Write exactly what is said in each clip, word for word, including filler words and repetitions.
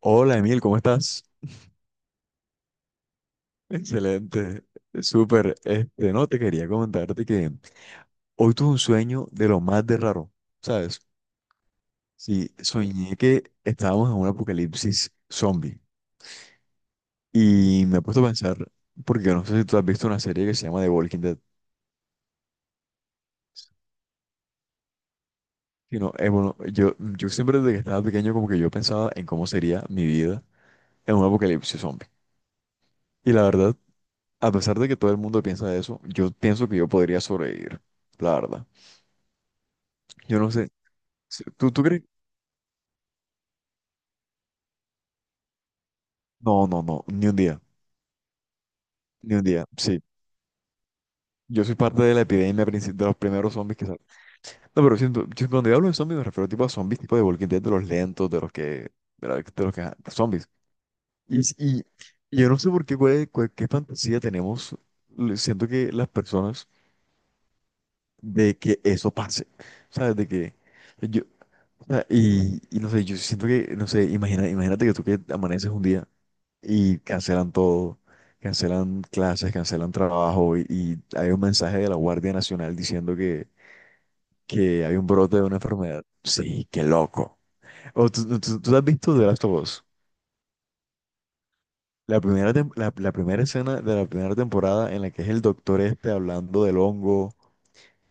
Hola Emil, ¿cómo estás? Excelente, súper. Este, no, te quería comentarte que hoy tuve un sueño de lo más de raro, ¿sabes? Sí, soñé que estábamos en un apocalipsis zombie y me he puesto a pensar, porque yo no sé si tú has visto una serie que se llama The Walking Dead. Y no, eh, bueno, yo, yo siempre desde que estaba pequeño como que yo pensaba en cómo sería mi vida en un apocalipsis zombie. Y la verdad, a pesar de que todo el mundo piensa eso, yo pienso que yo podría sobrevivir, la verdad. Yo no sé, sí, ¿Tú, tú crees? No, no, no, ni un día, ni un día, sí. Yo soy parte de la epidemia princi- de los primeros zombies que salen. No, pero siento, yo cuando yo hablo de zombies me refiero tipo a zombies tipo de Walking Dead, de los lentos, de los que, de la- de los que, de zombies. Y, y, y yo no sé por qué, cuál es- cuál- qué fantasía tenemos, le- siento que las personas, de que eso pase, ¿sabes? De que yo, o sea, y, y no sé, yo siento que, no sé, imagina, imagínate que tú que amaneces un día y cancelan todo, cancelan clases, cancelan trabajo y, y hay un mensaje de la Guardia Nacional diciendo que, que hay un brote de una enfermedad. Sí, qué loco. O, ¿tú, tú- tú- tú has visto The Last of Us? La primera, tem- la, la primera escena de la primera temporada en la que es el doctor este hablando del hongo,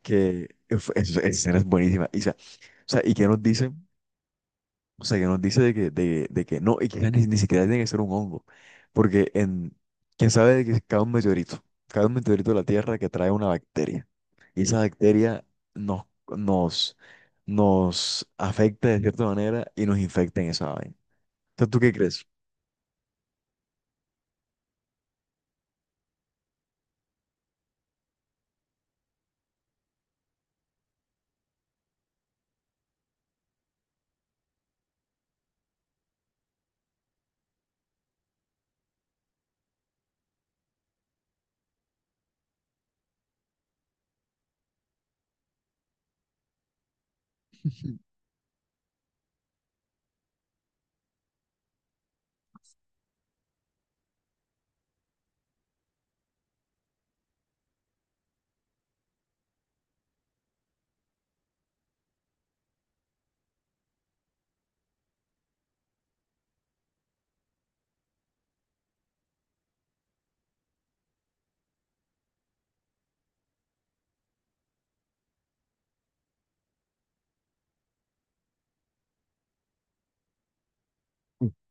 que uf, es- esa escena es buenísima. Y, sa- o sea, ¿y qué nos dicen? O sea, que nos dice de que, de, de que no, y que ni, ni siquiera tiene que ser un hongo. Porque en, quién sabe de que cae un meteorito, cae un meteorito de la Tierra que trae una bacteria. Y esa bacteria nos, nos, nos afecta de cierta manera y nos infecta en esa vaina. Entonces, ¿tú qué crees?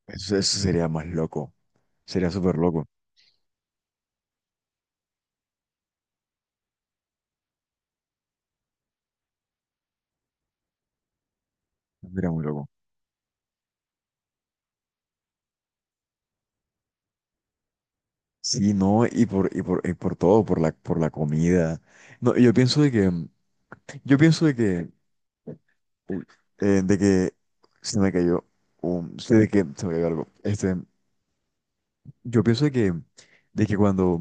Eso, eso sería más loco. Sería súper loco. Sería muy loco. Sí, no, y por, y por, y por todo, por la, por la comida. No, y yo pienso de que, yo pienso de que uy, eh, de que se me cayó un, sí, de que se me cayó algo. Este, yo pienso de que, de que cuando,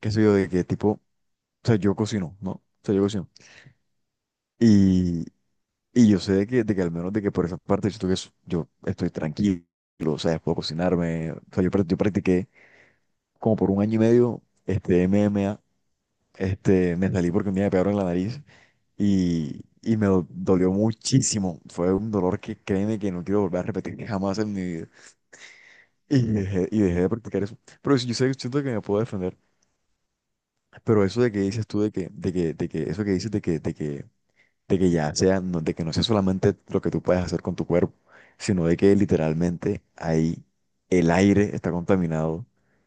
qué sé yo, de que tipo, o sea, yo cocino, ¿no? O sea, yo cocino. Y, y yo sé de que, de que al menos de que por esa parte siento que es- yo estoy tranquilo, o sea, puedo cocinarme. O sea, yo, prac- yo practiqué como por un año y medio, este, M M A este, me salí porque un día me pegaron en la nariz y, y me do- dolió muchísimo. Fue un dolor que créeme que no quiero volver a repetir jamás en mi vida. Y dejé, y dejé de practicar eso. Pero sí, yo sé, siento que me puedo defender. Pero eso de que dices tú, de que, de que, de que, eso que dices de que, de que, de que ya sea, no- de que no sea solamente lo que tú puedes hacer con tu cuerpo, sino de que literalmente ahí el aire está contaminado,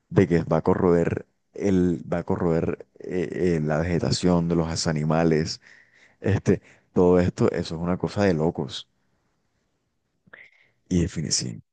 de que va a corroer el, va a corroer eh, eh, la vegetación de los animales, este, todo esto, eso es una cosa de locos. Y definitivamente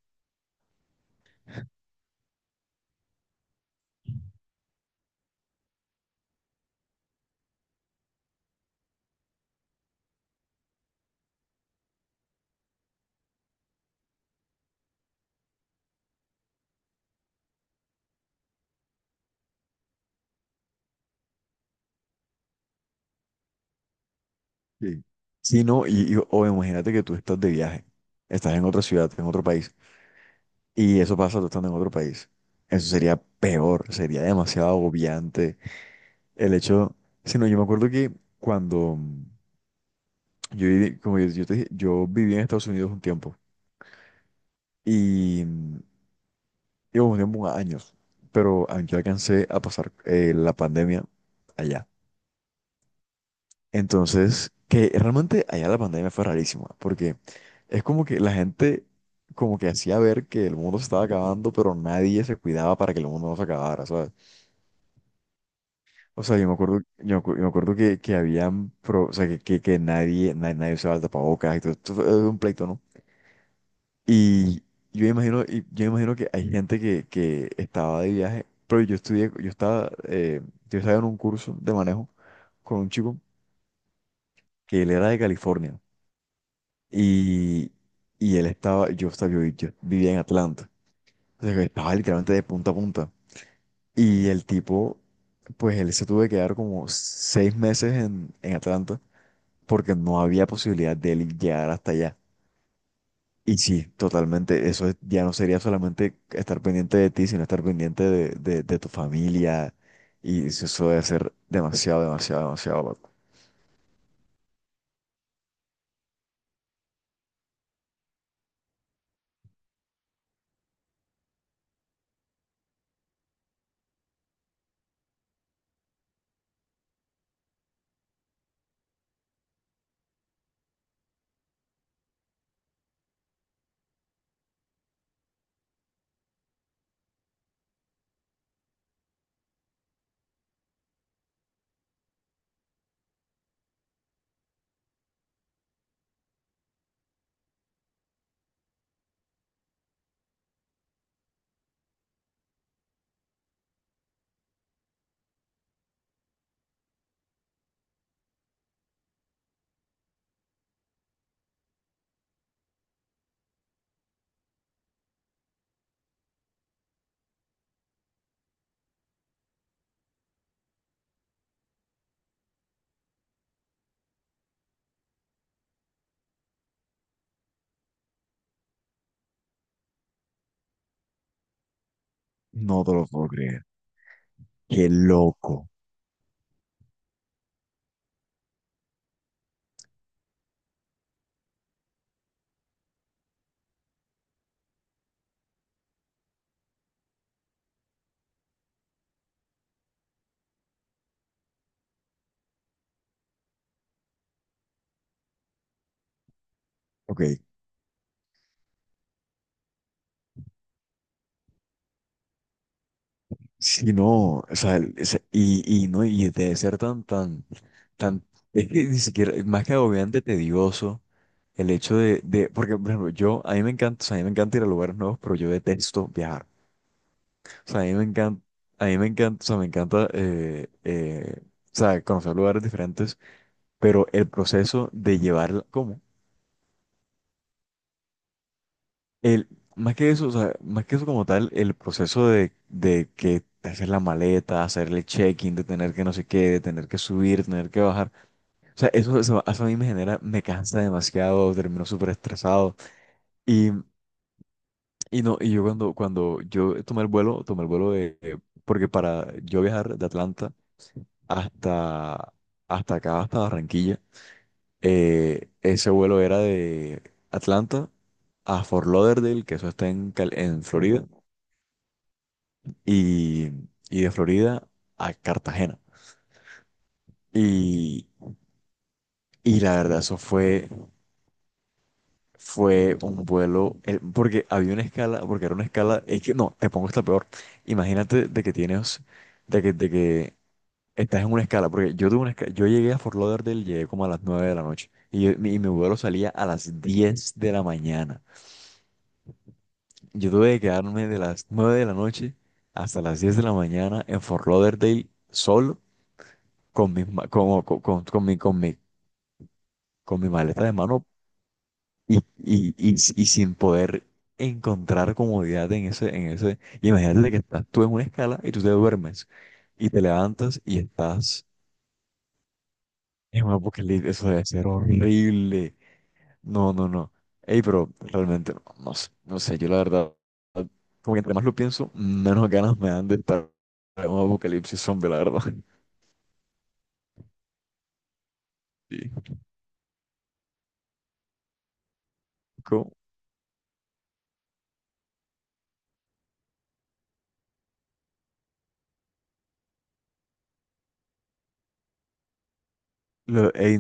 sí. Sí, no, y, y- o imagínate que tú estás de viaje, estás en otra ciudad, en otro país, y eso pasa tú estando en otro país. Eso sería peor, sería demasiado agobiante. El hecho, si no, yo me acuerdo que cuando mm, yo, viví- como yo, yo te dije, yo viví en Estados Unidos un tiempo, y mm, y hubo un tiempo, años, pero a- yo alcancé a pasar eh, la pandemia allá. Entonces, que realmente allá la pandemia fue rarísima, porque es como que la gente como que hacía ver que el mundo se estaba acabando, pero nadie se cuidaba para que el mundo no se acabara, ¿sabes? O sea, yo me acuerdo, yo, me acu- yo me acuerdo que, que habían, pro- o sea, que, que, que nadie, nadie, nadie usaba el tapabocas, y todo, esto fue un pleito, ¿no? Y yo imagino, y yo imagino que hay gente que, que estaba de viaje, pero yo estudié, yo estaba, eh, yo estaba en un curso de manejo con un chico que él era de California. Y, y él estaba, yo, estaba- yo, yo vivía en Atlanta. O sea, que estaba literalmente de punta a punta. Y el tipo, pues él se tuvo que quedar como seis meses en, en Atlanta porque no había posibilidad de él llegar hasta allá. Y sí, totalmente, eso es- ya no sería solamente estar pendiente de ti, sino estar pendiente de, de, de tu familia. Y eso eso debe ser demasiado, demasiado, demasiado loco. No te lo puedo creer. Qué loco. Ok. Sí, no, o sea, el- ese- y, y no, y debe ser tan, tan, tan, es que ni siquiera, más que agobiante, tedioso, el hecho de, de, porque, por ejemplo, yo, a mí me encanta, o sea, a mí me encanta ir a lugares nuevos, pero yo detesto viajar, o sea, a mí me encanta, a mí me encanta, o sea, me encanta, eh, eh, o sea, conocer lugares diferentes, pero el proceso de llevar, ¿cómo? El, más que eso, o sea, más que eso como tal, el proceso de, de que hacer la maleta, hacer el check-in, de tener que no sé qué, de tener que subir, tener que bajar. O sea, eso, eso, eso a mí me genera, me cansa demasiado, termino súper estresado. Y, y no, y yo cuando, cuando yo tomé el vuelo, tomé el vuelo de, de- porque para yo viajar de Atlanta hasta, hasta acá, hasta Barranquilla, eh, ese vuelo era de Atlanta a Fort Lauderdale, que eso está en, Cal- en Florida y, y de Florida a Cartagena. Y, y la verdad, eso fue, fue un vuelo, el- porque había una escala, porque era una escala, es que no, te pongo esta peor. Imagínate de que tienes, de que, de que estás en una escala, porque yo tuve una escala, yo llegué a Fort Lauderdale, llegué como a las nueve de la noche, y, yo- mi, y mi vuelo salía a las diez de la mañana. Yo tuve que quedarme de las nueve de la noche hasta las diez de la mañana en Fort Lauderdale solo con mis, ma- como- con, con, con mi, con mi con mi maleta de mano y, y, y, y sin poder encontrar comodidad en ese, en ese. Y imagínate que estás tú en una escala y tú te duermes y te levantas y estás en un apocalipsis. Eso debe ser horrible. No, no, no. Ey, pero realmente no, no sé, no sé, yo la verdad, como que entre más lo pienso, menos ganas me dan de estar en un apocalipsis zombie, la verdad. Sí. Como- lo- ey,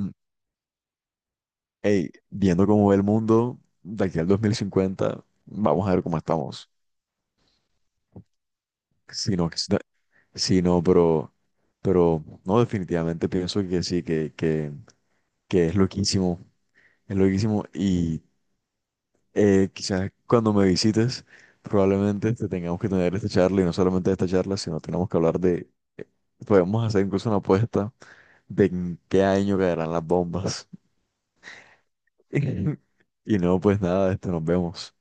ey, viendo cómo ve el mundo de aquí al dos mil cincuenta, vamos a ver cómo estamos. Sí, no, que sí, da- sí, no, pero, pero no, definitivamente pienso que sí, que, que, que es loquísimo, es loquísimo y eh, quizás cuando me visites probablemente te tengamos que tener esta charla y no solamente esta charla, sino tenemos que hablar de, eh, podemos hacer incluso una apuesta de en qué año caerán las bombas. Y no, pues nada, esto nos vemos.